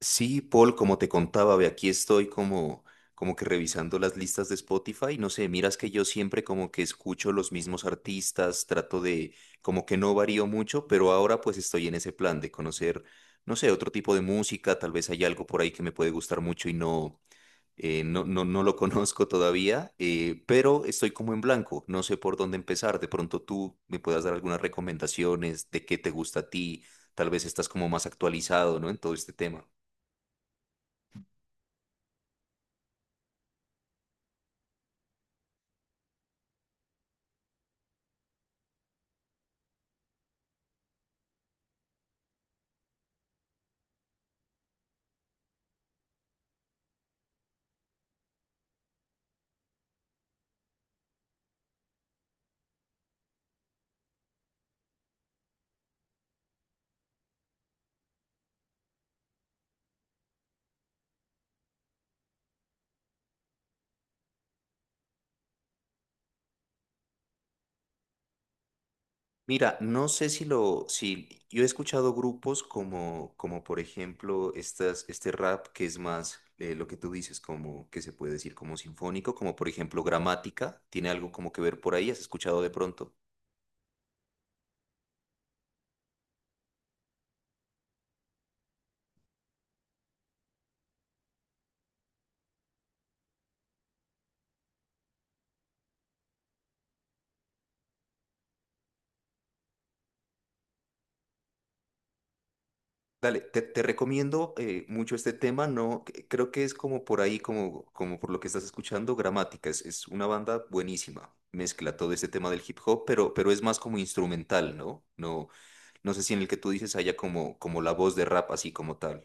Sí, Paul, como te contaba, ve, aquí estoy como que revisando las listas de Spotify. No sé, miras que yo siempre como que escucho los mismos artistas, trato de, como que no varío mucho, pero ahora pues estoy en ese plan de conocer, no sé, otro tipo de música, tal vez hay algo por ahí que me puede gustar mucho y no, no, no, no lo conozco todavía, pero estoy como en blanco, no sé por dónde empezar. De pronto tú me puedas dar algunas recomendaciones de qué te gusta a ti, tal vez estás como más actualizado, ¿no? En todo este tema. Mira, no sé si yo he escuchado grupos como por ejemplo estas, este rap que es más lo que tú dices, como que se puede decir como sinfónico, como por ejemplo Gramática, tiene algo como que ver por ahí, ¿has escuchado de pronto? Dale, te recomiendo mucho este tema, no, creo que es como por ahí, como, como por lo que estás escuchando, Gramática, es una banda buenísima, mezcla todo este tema del hip hop, pero es más como instrumental, ¿no? No, no sé si en el que tú dices haya como la voz de rap así como tal.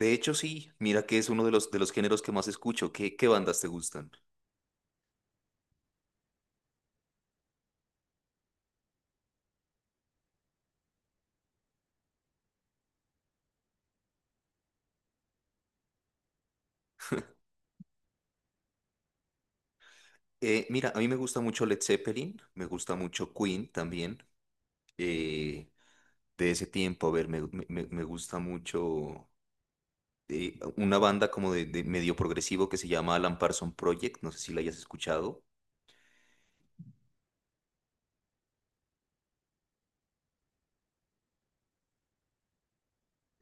De hecho, sí, mira que es uno de de los géneros que más escucho, qué bandas te gustan? Mira, a mí me gusta mucho Led Zeppelin, me gusta mucho Queen también, eh, de ese tiempo, a ver, me gusta mucho... una banda como de medio progresivo que se llama Alan Parsons Project, no sé si la hayas escuchado.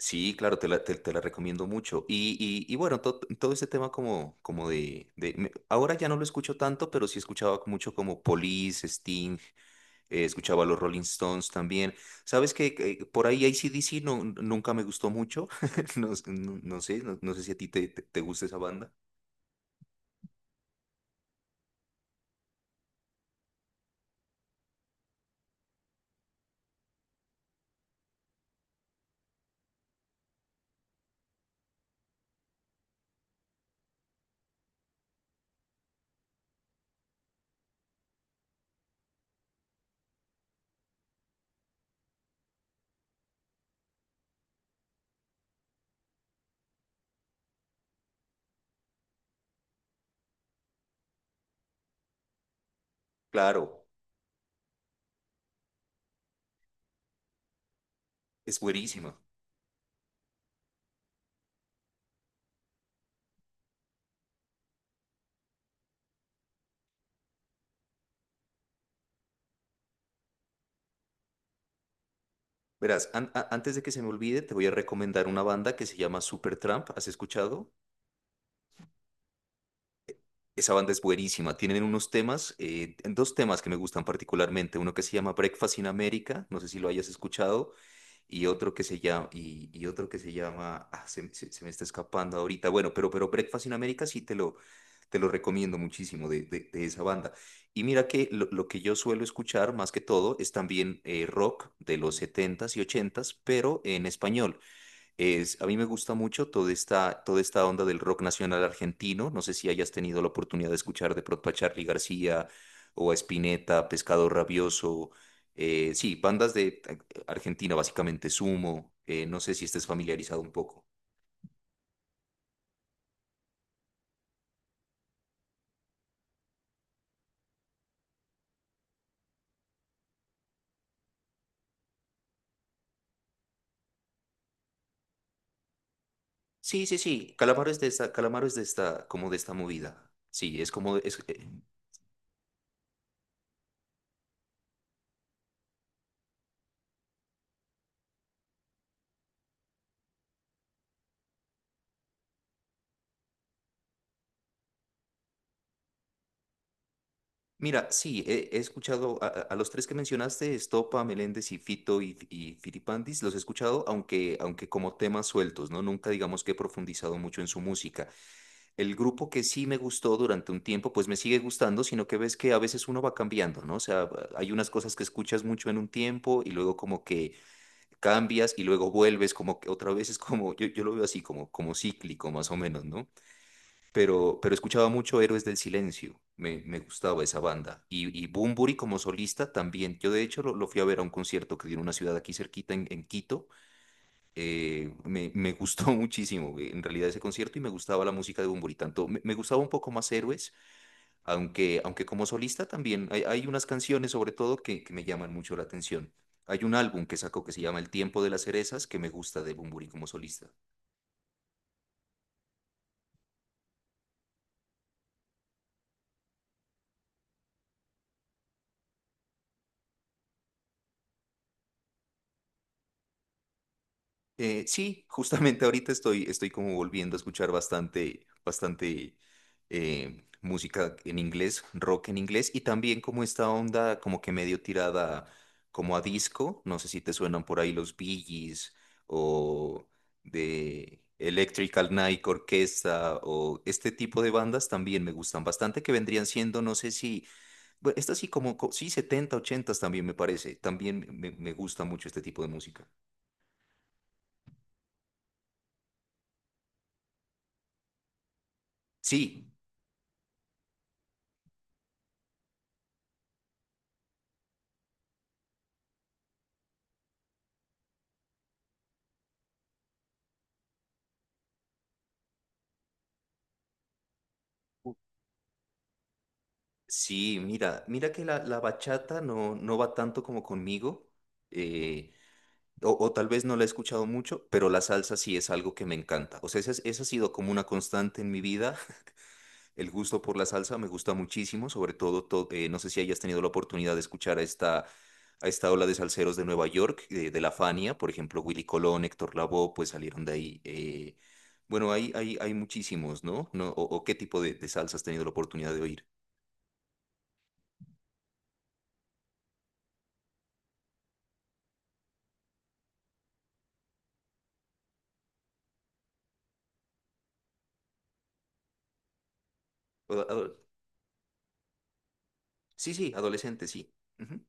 Sí, claro, te la recomiendo mucho. Y, y bueno, todo ese tema como, ahora ya no lo escucho tanto, pero sí escuchaba mucho como Police, Sting, escuchaba los Rolling Stones también. Sabes que por ahí C D C no, nunca me gustó mucho. No, no sé, no, no sé si a ti te gusta esa banda. Claro, es buenísima. Verás, antes de que se me olvide, te voy a recomendar una banda que se llama Supertramp. ¿Has escuchado? Esa banda es buenísima. Tienen unos temas, dos temas que me gustan particularmente. Uno que se llama Breakfast in America, no sé si lo hayas escuchado, y otro que se llama, y otro que se llama, ah, se me está escapando ahorita. Bueno, pero Breakfast in America sí te lo recomiendo muchísimo de esa banda. Y mira que lo que yo suelo escuchar más que todo es también rock de los setentas y ochentas, pero en español. Es, a mí me gusta mucho toda esta onda del rock nacional argentino. No sé si hayas tenido la oportunidad de escuchar de pronto a Charly García o a Spinetta, Pescado Rabioso. Sí, bandas de Argentina, básicamente Sumo. No sé si estés familiarizado un poco. Sí, sí, sí. Calamaro es de esta, como de esta movida. Sí, es como, es, mira, sí, he escuchado a, a los tres que mencionaste, Estopa, Meléndez y Fito y Fitipaldis, los he escuchado, aunque como temas sueltos, ¿no? Nunca digamos que he profundizado mucho en su música. El grupo que sí me gustó durante un tiempo, pues me sigue gustando, sino que ves que a veces uno va cambiando, ¿no? O sea, hay unas cosas que escuchas mucho en un tiempo y luego como que cambias y luego vuelves como que otra vez es como, yo lo veo así, como, como cíclico más o menos, ¿no? Pero pero, escuchaba mucho Héroes del Silencio, me gustaba esa banda. Y Bunbury como solista también. Yo de hecho lo fui a ver a un concierto que dio en una ciudad aquí cerquita, en Quito. Me gustó muchísimo en realidad ese concierto y me gustaba la música de Bunbury. Tanto me gustaba un poco más Héroes, aunque como solista también hay unas canciones sobre todo que me llaman mucho la atención. Hay un álbum que sacó que se llama El tiempo de las cerezas que me gusta de Bunbury como solista. Sí, justamente ahorita estoy, estoy como volviendo a escuchar bastante, bastante música en inglés, rock en inglés, y también como esta onda como que medio tirada como a disco, no sé si te suenan por ahí los Bee Gees o de Electrical Night Orchestra o este tipo de bandas también me gustan bastante que vendrían siendo, no sé si, bueno, estas sí como, sí, 70, 80 también me parece, también me gusta mucho este tipo de música. Sí, sí, mira, mira que la bachata no, no va tanto como conmigo, eh, o tal vez no la he escuchado mucho, pero la salsa sí es algo que me encanta. O sea, esa, esa ha sido como una constante en mi vida. El gusto por la salsa me gusta muchísimo, sobre todo, no sé si hayas tenido la oportunidad de escuchar a esta ola de salseros de Nueva York, de la Fania, por ejemplo, Willy Colón, Héctor Lavoe, pues salieron de ahí. Bueno, hay muchísimos, ¿no? ¿No? O qué tipo de salsa has tenido la oportunidad de oír? Sí, sí, adolescente, sí. Ujú.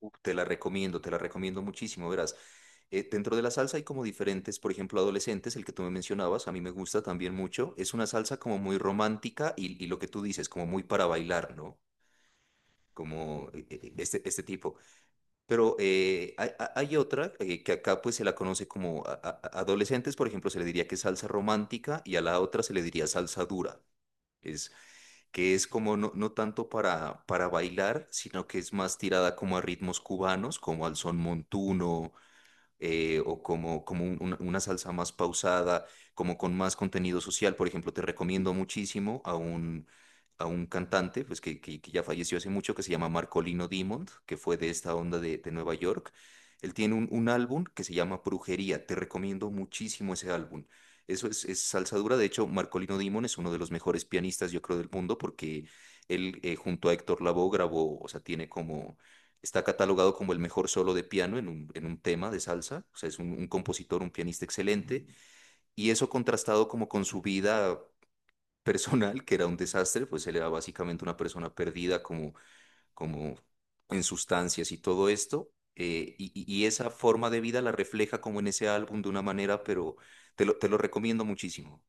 Uf, te la recomiendo muchísimo, verás. Dentro de la salsa hay como diferentes, por ejemplo, adolescentes, el que tú me mencionabas, a mí me gusta también mucho. Es una salsa como muy romántica y lo que tú dices, como muy para bailar, ¿no? Como este tipo. Pero hay otra que acá pues se la conoce como adolescentes, por ejemplo, se le diría que es salsa romántica y a la otra se le diría salsa dura. Es, que es como no, no tanto para bailar, sino que es más tirada como a ritmos cubanos, como al son montuno, o como, una salsa más pausada, como con más contenido social. Por ejemplo, te recomiendo muchísimo a a un cantante pues, que ya falleció hace mucho, que se llama Marcolino Dimond, que fue de esta onda de Nueva York. Él tiene un álbum que se llama Brujería. Te recomiendo muchísimo ese álbum. Eso es salsa dura. De hecho, Marcolino Dimond es uno de los mejores pianistas, yo creo, del mundo, porque él junto a Héctor Lavoe grabó, o sea, tiene como está catalogado como el mejor solo de piano en un tema de salsa, o sea, es un compositor, un pianista excelente, y eso contrastado como con su vida personal, que era un desastre, pues él era básicamente una persona perdida como, como en sustancias y todo esto, y esa forma de vida la refleja como en ese álbum de una manera, pero te lo recomiendo muchísimo.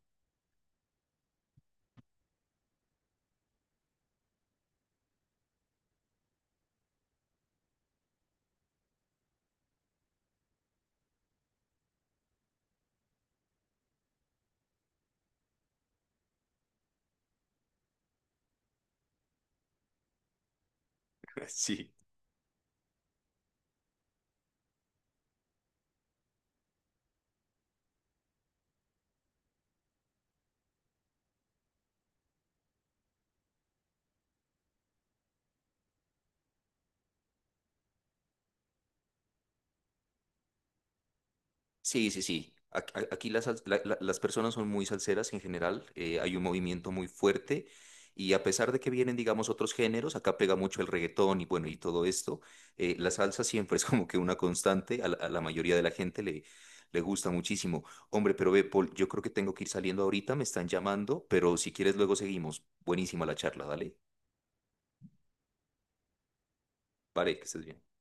Sí. Sí, sí, sí. Aquí las, las personas son muy salseras en general, hay un movimiento muy fuerte y a pesar de que vienen, digamos, otros géneros, acá pega mucho el reggaetón y bueno, y todo esto, la salsa siempre es como que una constante, a la mayoría de la gente le gusta muchísimo. Hombre, pero ve, Paul, yo creo que tengo que ir saliendo ahorita, me están llamando, pero si quieres luego seguimos. Buenísima la charla, dale. Vale, que estés bien.